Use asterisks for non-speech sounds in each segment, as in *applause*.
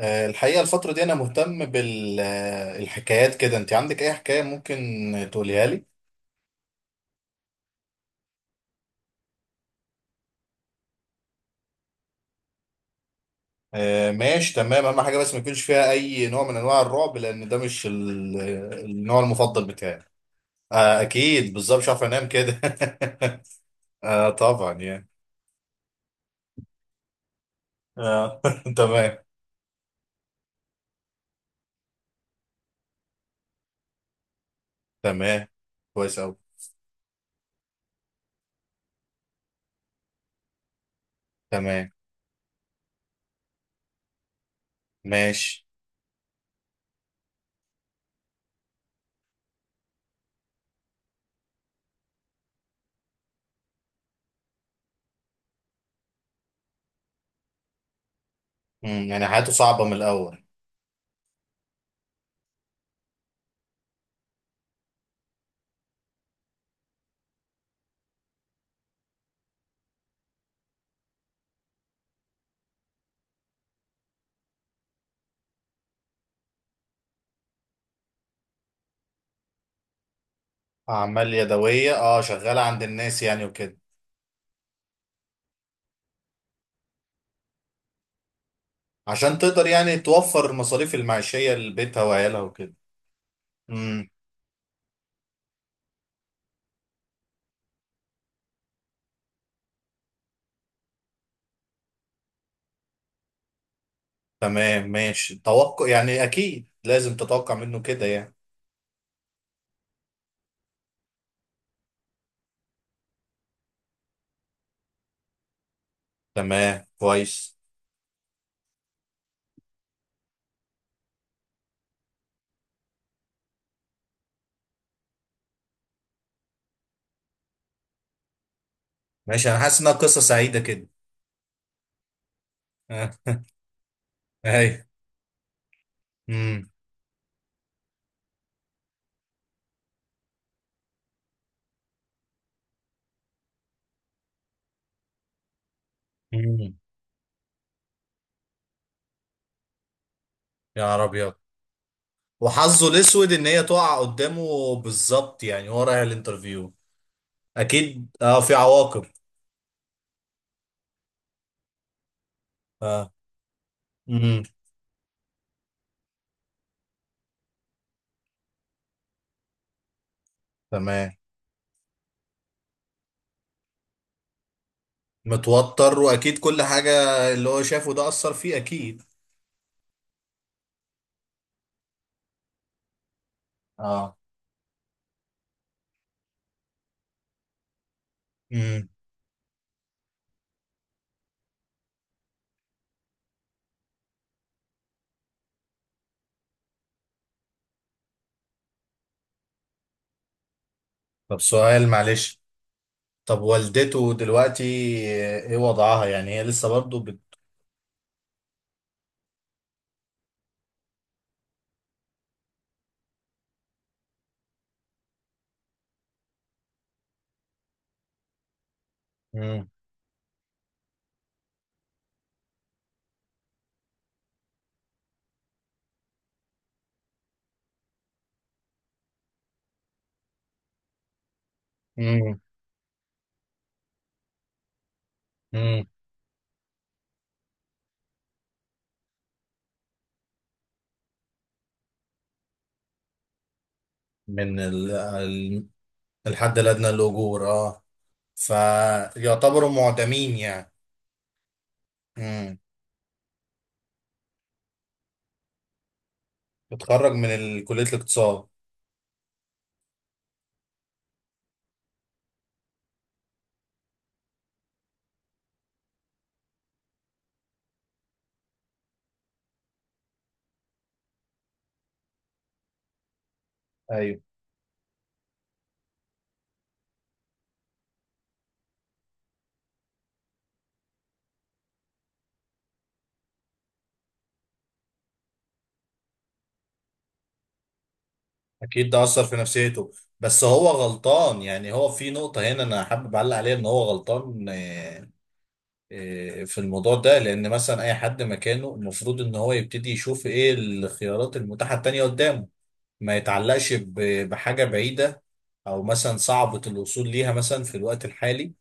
الحقيقة الفترة دي أنا مهتم بالحكايات كده. أنت عندك أي حكاية ممكن تقوليها لي؟ آه، ماشي تمام. أهم حاجة بس ما يكونش فيها أي نوع من أنواع الرعب، لأن ده مش النوع المفضل بتاعي. آه، أكيد بالظبط، مش عارف أنام كده. *laughs* آه طبعا يعني. آه. *laughs* تمام. تمام، كويس أوي. تمام، ماشي. يعني حياته صعبة من الأول. أعمال يدوية، شغالة عند الناس يعني وكده. عشان تقدر يعني توفر المصاريف المعيشية لبيتها وعيالها وكده. امم. تمام، ماشي، توقع يعني، اكيد لازم تتوقع منه كده يعني. تمام، كويس. ماشي، انا حاسس انها قصه سعيده كده. *laughs* اه. ايوه. امم. امم. يا نهار ابيض. وحظه الاسود ان هي تقع قدامه بالظبط، يعني هو رايح الانترفيو. اكيد، في عواقب. اه. امم. تمام. متوتر، واكيد كل حاجه اللي هو شافه ده اثر فيه اكيد. اه. امم. طب سؤال معلش، طب والدته دلوقتي ايه وضعها؟ يعني هي لسه برضو؟ مم. مم. مم. من ال... ال... الحد الأدنى للأجور. اه فيعتبروا معدمين يعني. مم. اتخرج من كلية الاقتصاد. ايوه، اكيد ده أثر في نفسيته. بس هو غلطان، يعني هو في نقطة هنا انا حابب اعلق عليها ان هو غلطان في الموضوع ده، لان مثلا اي حد مكانه المفروض ان هو يبتدي يشوف ايه الخيارات المتاحة التانية قدامه. ما يتعلقش بحاجة بعيدة، أو مثلا صعبة الوصول ليها مثلا في الوقت الحالي.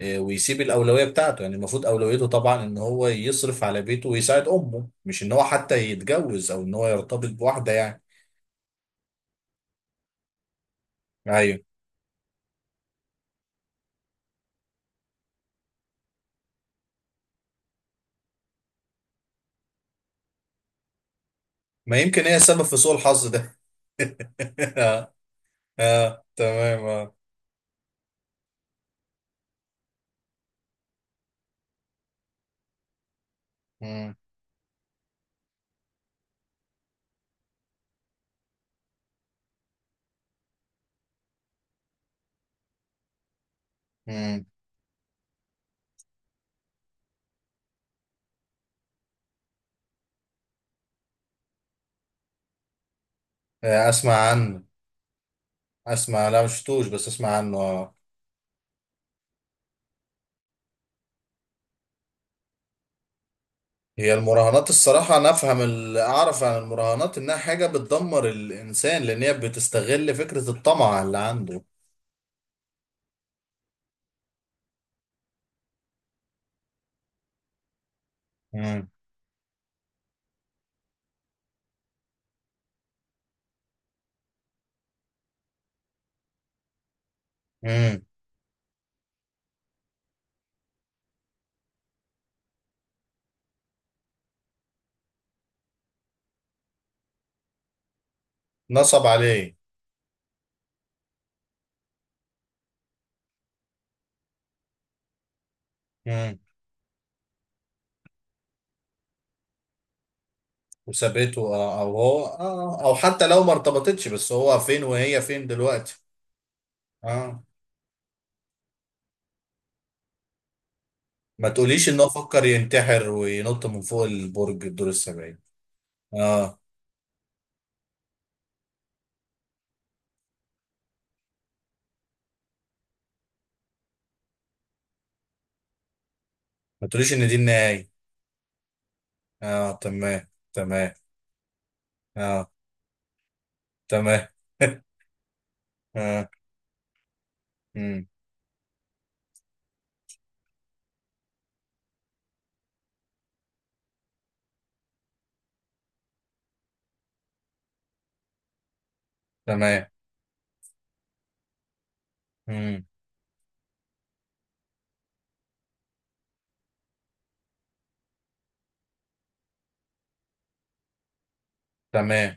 ويسيب الأولوية بتاعته، يعني المفروض أولويته طبعا إن هو يصرف على بيته ويساعد أمه، مش إن هو حتى يتجوز أو إن هو يرتبط بواحدة يعني. أيوه. ما يمكن هي السبب في سوء الحظ ده. *laughs* آه. آه، تمام. آه. مم. مم. آه، أسمع عنه. أسمع، لا مشفتوش، بس أسمع عنه. هي المراهنات، الصراحة أنا أفهم، اللي أعرف عن المراهنات إنها حاجة بتدمر الإنسان، لأن هي بتستغل فكرة الطمع اللي عنده. مم. مم. نصب عليه. مم. وسابته أو هو أو حتى لو ما ارتبطتش، بس هو فين وهي فين دلوقتي؟ آه. ما تقوليش إن هو فكر ينتحر وينط من فوق البرج الدور السبعين. آه. ما تقوليش إن دي النهاية. آه، تمام، تمام. آه. تمام. *laughs* آه مم. تمام. مم. تمام،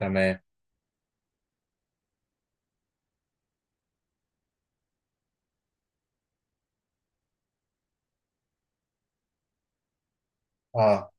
تمام. اه،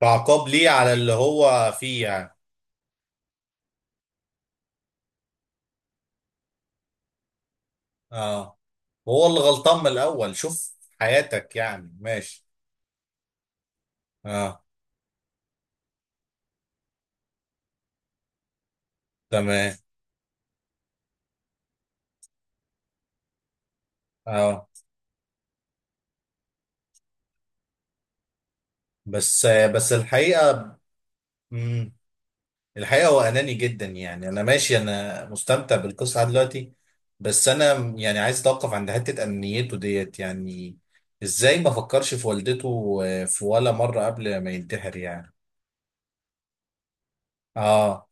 كعقاب ليه على اللي هو فيه يعني. اه. وهو اللي غلطان من الاول، شوف حياتك يعني، ماشي. اه، تمام. اه. بس بس الحقيقه. مم. الحقيقه هو اناني جدا، يعني انا ماشي، انا مستمتع بالقصه دلوقتي. بس انا يعني عايز اتوقف عند حته انانيته ديت يعني. ازاي ما فكرش في والدته في ولا مره قبل ما ينتحر يعني؟ اه.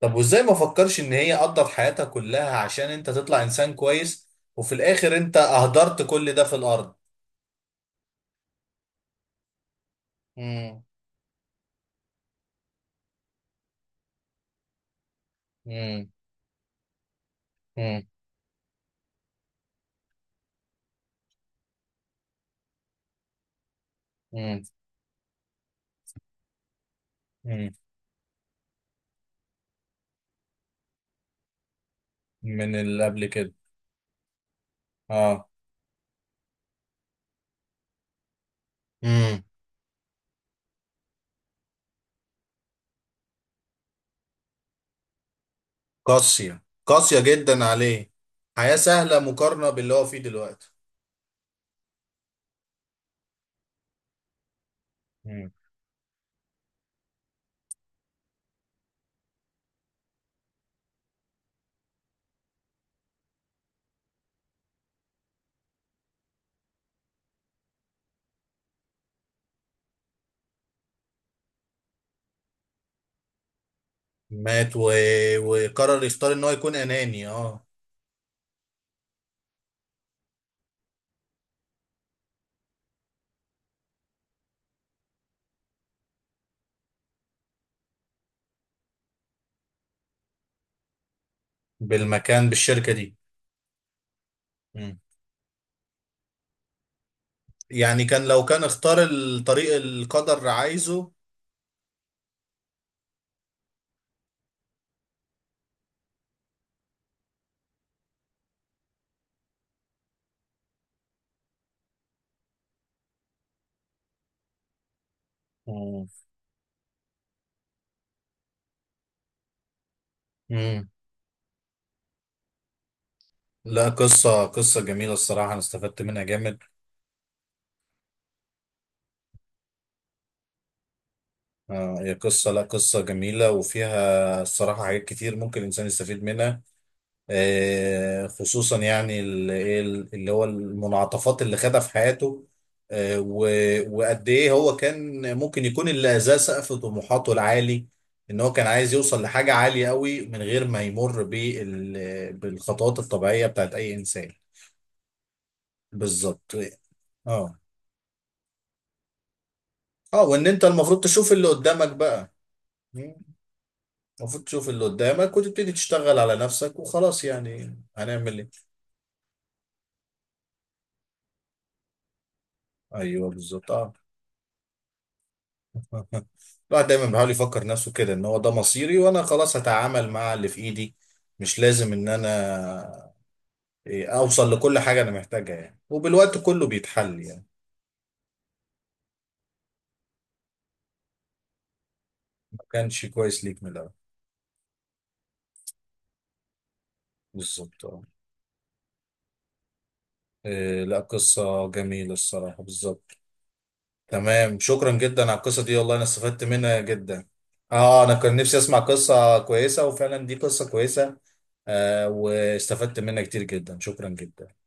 طب وازاي ما فكرش ان هي قضت حياتها كلها عشان انت تطلع انسان كويس، وفي الاخر انت اهدرت كل ده في الارض. مم. مم. مم. مم. مم. من اللي قبل كده. اه. مم. قاسية قاسية جدا عليه. حياة سهلة مقارنة باللي هو فيه دلوقتي. مم. مات. وقرر يختار ان هو يكون اناني اه بالمكان، بالشركة دي. مم. يعني كان لو كان اختار الطريق القدر عايزه. مم. لا، قصة جميلة، الصراحة أنا استفدت منها جامد. آه، هي قصة، لا، قصة جميلة، وفيها الصراحة حاجات كتير ممكن الإنسان يستفيد منها. آه، خصوصا يعني اللي هو المنعطفات اللي خدها في حياته. وقد إيه هو كان ممكن يكون اللي أذاه سقف طموحاته العالي. إن هو كان عايز يوصل لحاجة عالية قوي من غير ما يمر بالخطوات الطبيعية بتاعت أي إنسان. بالظبط، اه. اه، وإن أنت المفروض تشوف اللي قدامك بقى. المفروض تشوف اللي قدامك وتبتدي تشتغل على نفسك وخلاص، يعني هنعمل ايه؟ ايوه، بالظبط، اه. *laughs* الواحد دايما بيحاول يفكر نفسه كده ان هو ده مصيري وانا خلاص هتعامل مع اللي في ايدي. مش لازم ان انا اوصل لكل حاجه انا محتاجها يعني، وبالوقت كله بيتحل يعني. ما كانش كويس ليك من الاول. بالظبط، اه. لا، قصه جميله الصراحه، بالظبط. تمام، شكرا جدا على القصة دي، والله انا استفدت منها جدا. اه، انا كان نفسي اسمع قصة كويسة، وفعلا دي قصة كويسة. آه واستفدت منها كتير جدا، شكرا جدا.